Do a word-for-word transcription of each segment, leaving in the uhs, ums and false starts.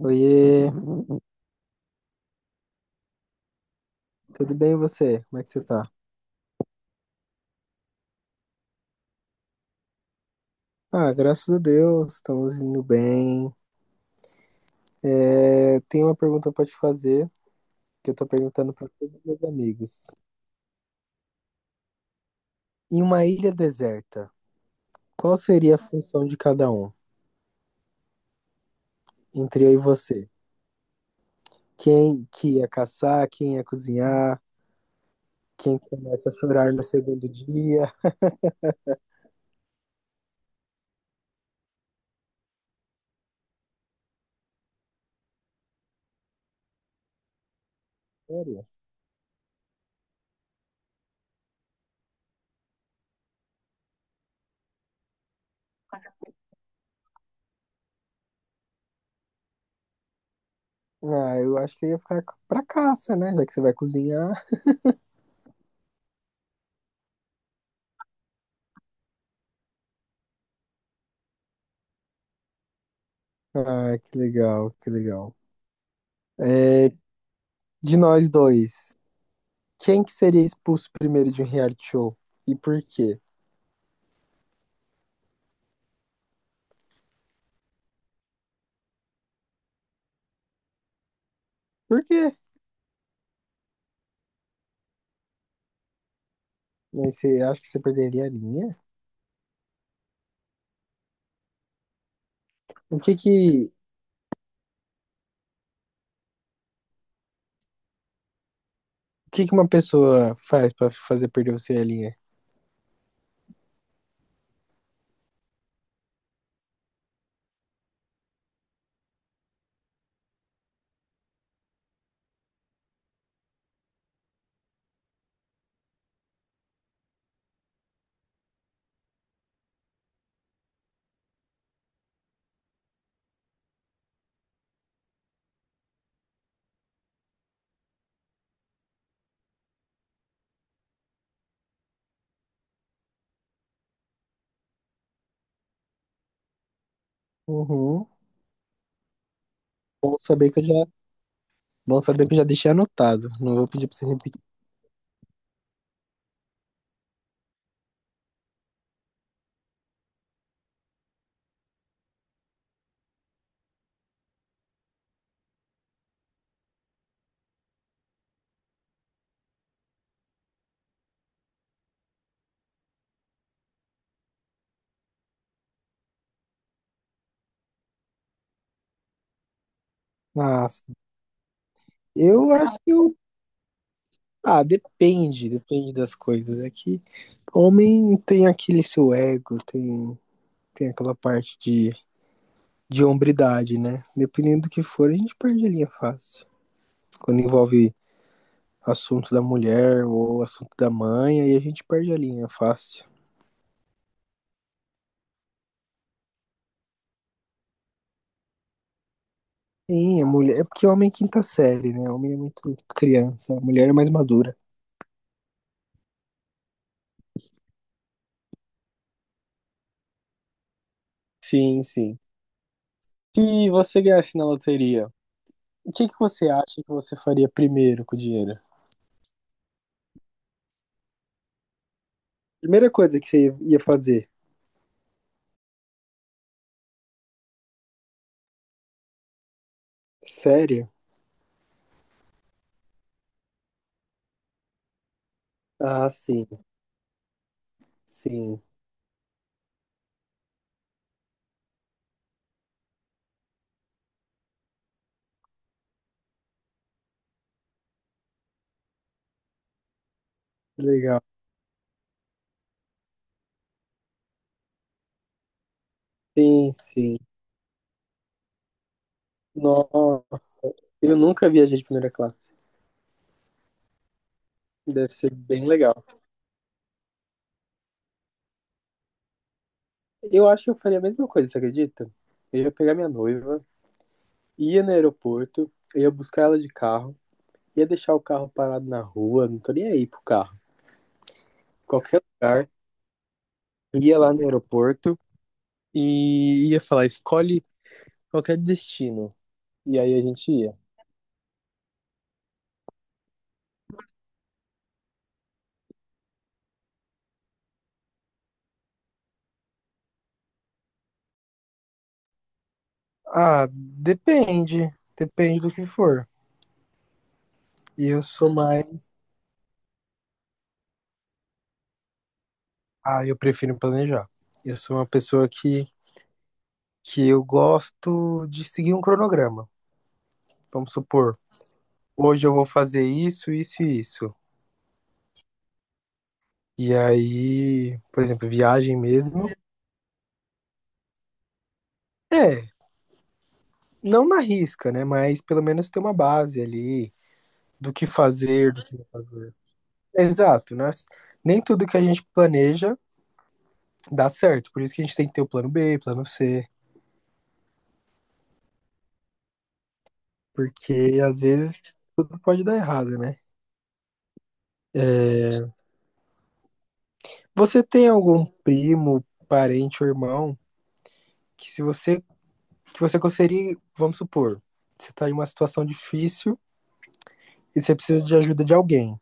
Oiê, tudo bem e você? Como é que você tá? Ah, graças a Deus, estamos indo bem. É, tenho uma pergunta pra te fazer, que eu tô perguntando pra todos os meus amigos. Em uma ilha deserta, qual seria a função de cada um, entre eu e você? Quem que ia caçar, quem ia cozinhar, quem começa a chorar no segundo dia? Sério? Ah, eu acho que eu ia ficar pra caça, né? Já que você vai cozinhar. Ah, que legal, que legal. É, de nós dois. Quem que seria expulso primeiro de um reality show? E por quê? Por quê? Você acha que você perderia a linha? O que que, o que, que uma pessoa faz pra fazer perder você a linha? Uhum. Bom saber que eu já, Bom saber que eu já deixei anotado. Não vou pedir pra você repetir. Nossa, eu acho que eu, ah, depende, depende das coisas. É que homem tem aquele seu ego, tem, tem aquela parte de de hombridade, né? Dependendo do que for, a gente perde a linha fácil. Quando envolve assunto da mulher ou assunto da mãe, aí a gente perde a linha fácil. Sim, a mulher. É porque o homem é quinta série, né? O homem é muito criança, a mulher é mais madura. Sim, sim. Se você ganhasse na loteria, o que, que você acha que você faria primeiro com o dinheiro? Primeira coisa que você ia fazer, sério? Ah, sim, sim, legal. Sim, sim. Nossa, eu nunca viajei de primeira classe. Deve ser bem legal. Eu acho que eu faria a mesma coisa, você acredita? Eu ia pegar minha noiva, ia no aeroporto, eu ia buscar ela de carro, ia deixar o carro parado na rua, não tô nem aí pro carro. Qualquer lugar, ia lá no aeroporto e ia falar, escolhe qualquer destino. E aí a gente ia. Ah, depende. Depende do que for. E eu sou mais. Ah, eu prefiro planejar. Eu sou uma pessoa que, que eu gosto de seguir um cronograma. Vamos supor. Hoje eu vou fazer isso, isso e isso. E aí, por exemplo, viagem mesmo. É, não na risca, né? Mas pelo menos ter uma base ali do que fazer, do que não fazer. Exato, né? Nem tudo que a gente planeja dá certo. Por isso que a gente tem que ter o plano B, plano C. Porque às vezes tudo pode dar errado, né? Você tem algum primo, parente ou irmão que se você que você conseguiria, vamos supor, você tá em uma situação difícil e você precisa de ajuda de alguém.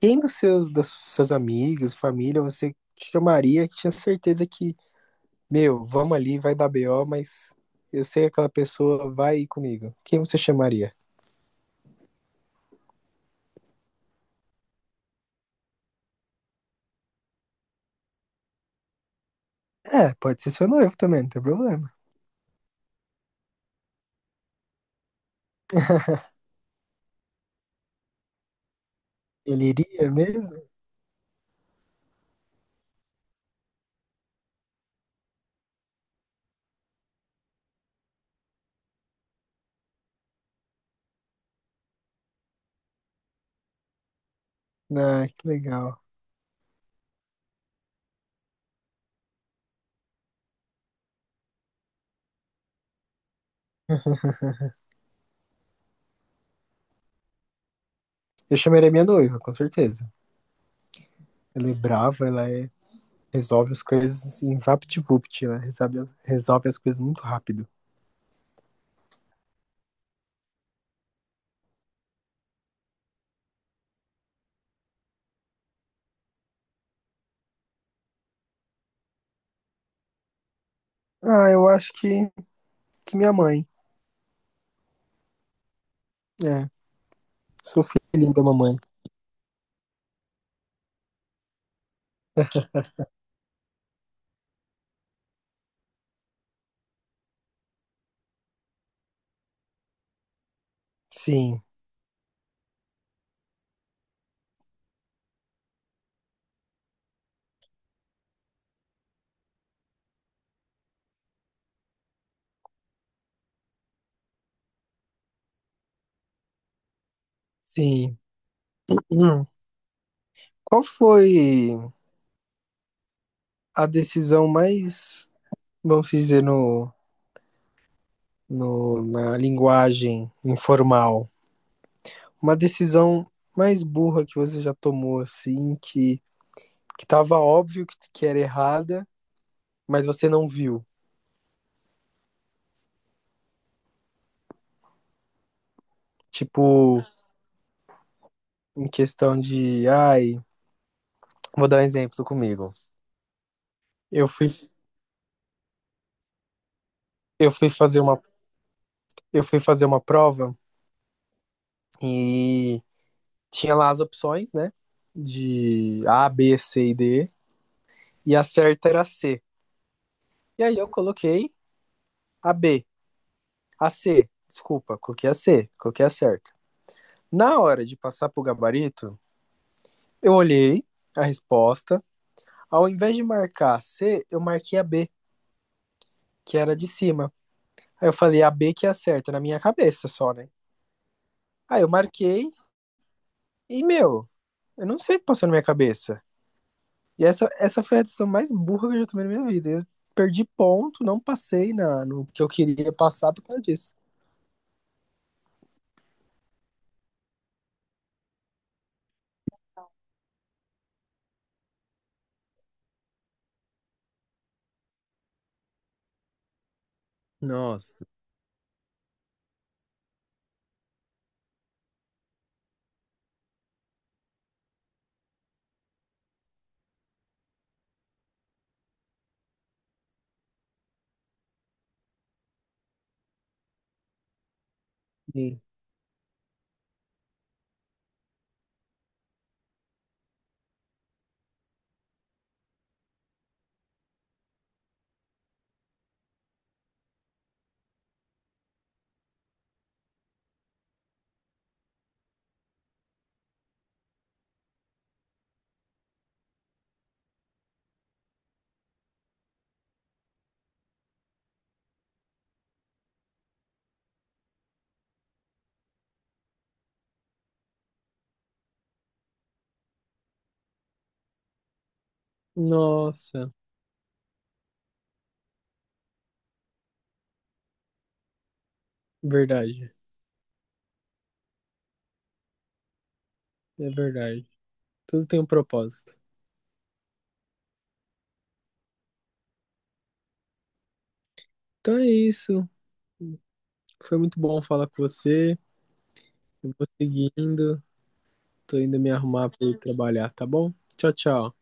Quem dos seus, dos seus amigos, família, você chamaria que tinha certeza que, meu, vamos ali, vai dar B O, mas eu sei que aquela pessoa vai ir comigo. Quem você chamaria? É, pode ser seu noivo também, não tem problema. Ele iria mesmo? Ah, que legal. Eu chamaria minha noiva, com certeza. Ela é brava, ela é, resolve as coisas assim, vapt-vupt, ela resolve, resolve as coisas muito rápido. Ah, eu acho que, que minha mãe. É, sou filhinho da mamãe. Sim, sim. Hum. Qual foi a decisão mais, vamos dizer, no, no- na linguagem informal? Uma decisão mais burra que você já tomou, assim, que, que tava óbvio que, que era errada, mas você não viu. Tipo, em questão de, ai, vou dar um exemplo comigo. Eu fui, eu fui fazer uma, eu fui fazer uma prova e tinha lá as opções, né? De A, B, C e D, e a certa era C. E aí eu coloquei a B, a C, desculpa, coloquei a C, coloquei a certa. Na hora de passar pro gabarito, eu olhei a resposta, ao invés de marcar a C, eu marquei a B, que era de cima. Aí eu falei a B que é a certa, na minha cabeça só, né? Aí eu marquei e, meu, eu não sei o que passou na minha cabeça. E essa, essa foi a decisão mais burra que eu já tomei na minha vida. Eu perdi ponto, não passei na, no que eu queria passar por causa disso. Nossa. Sim. Nossa, verdade. É verdade. Tudo tem um propósito. Então é isso. Foi muito bom falar com você. Eu vou seguindo. Tô indo me arrumar para ir trabalhar, tá bom? Tchau, tchau.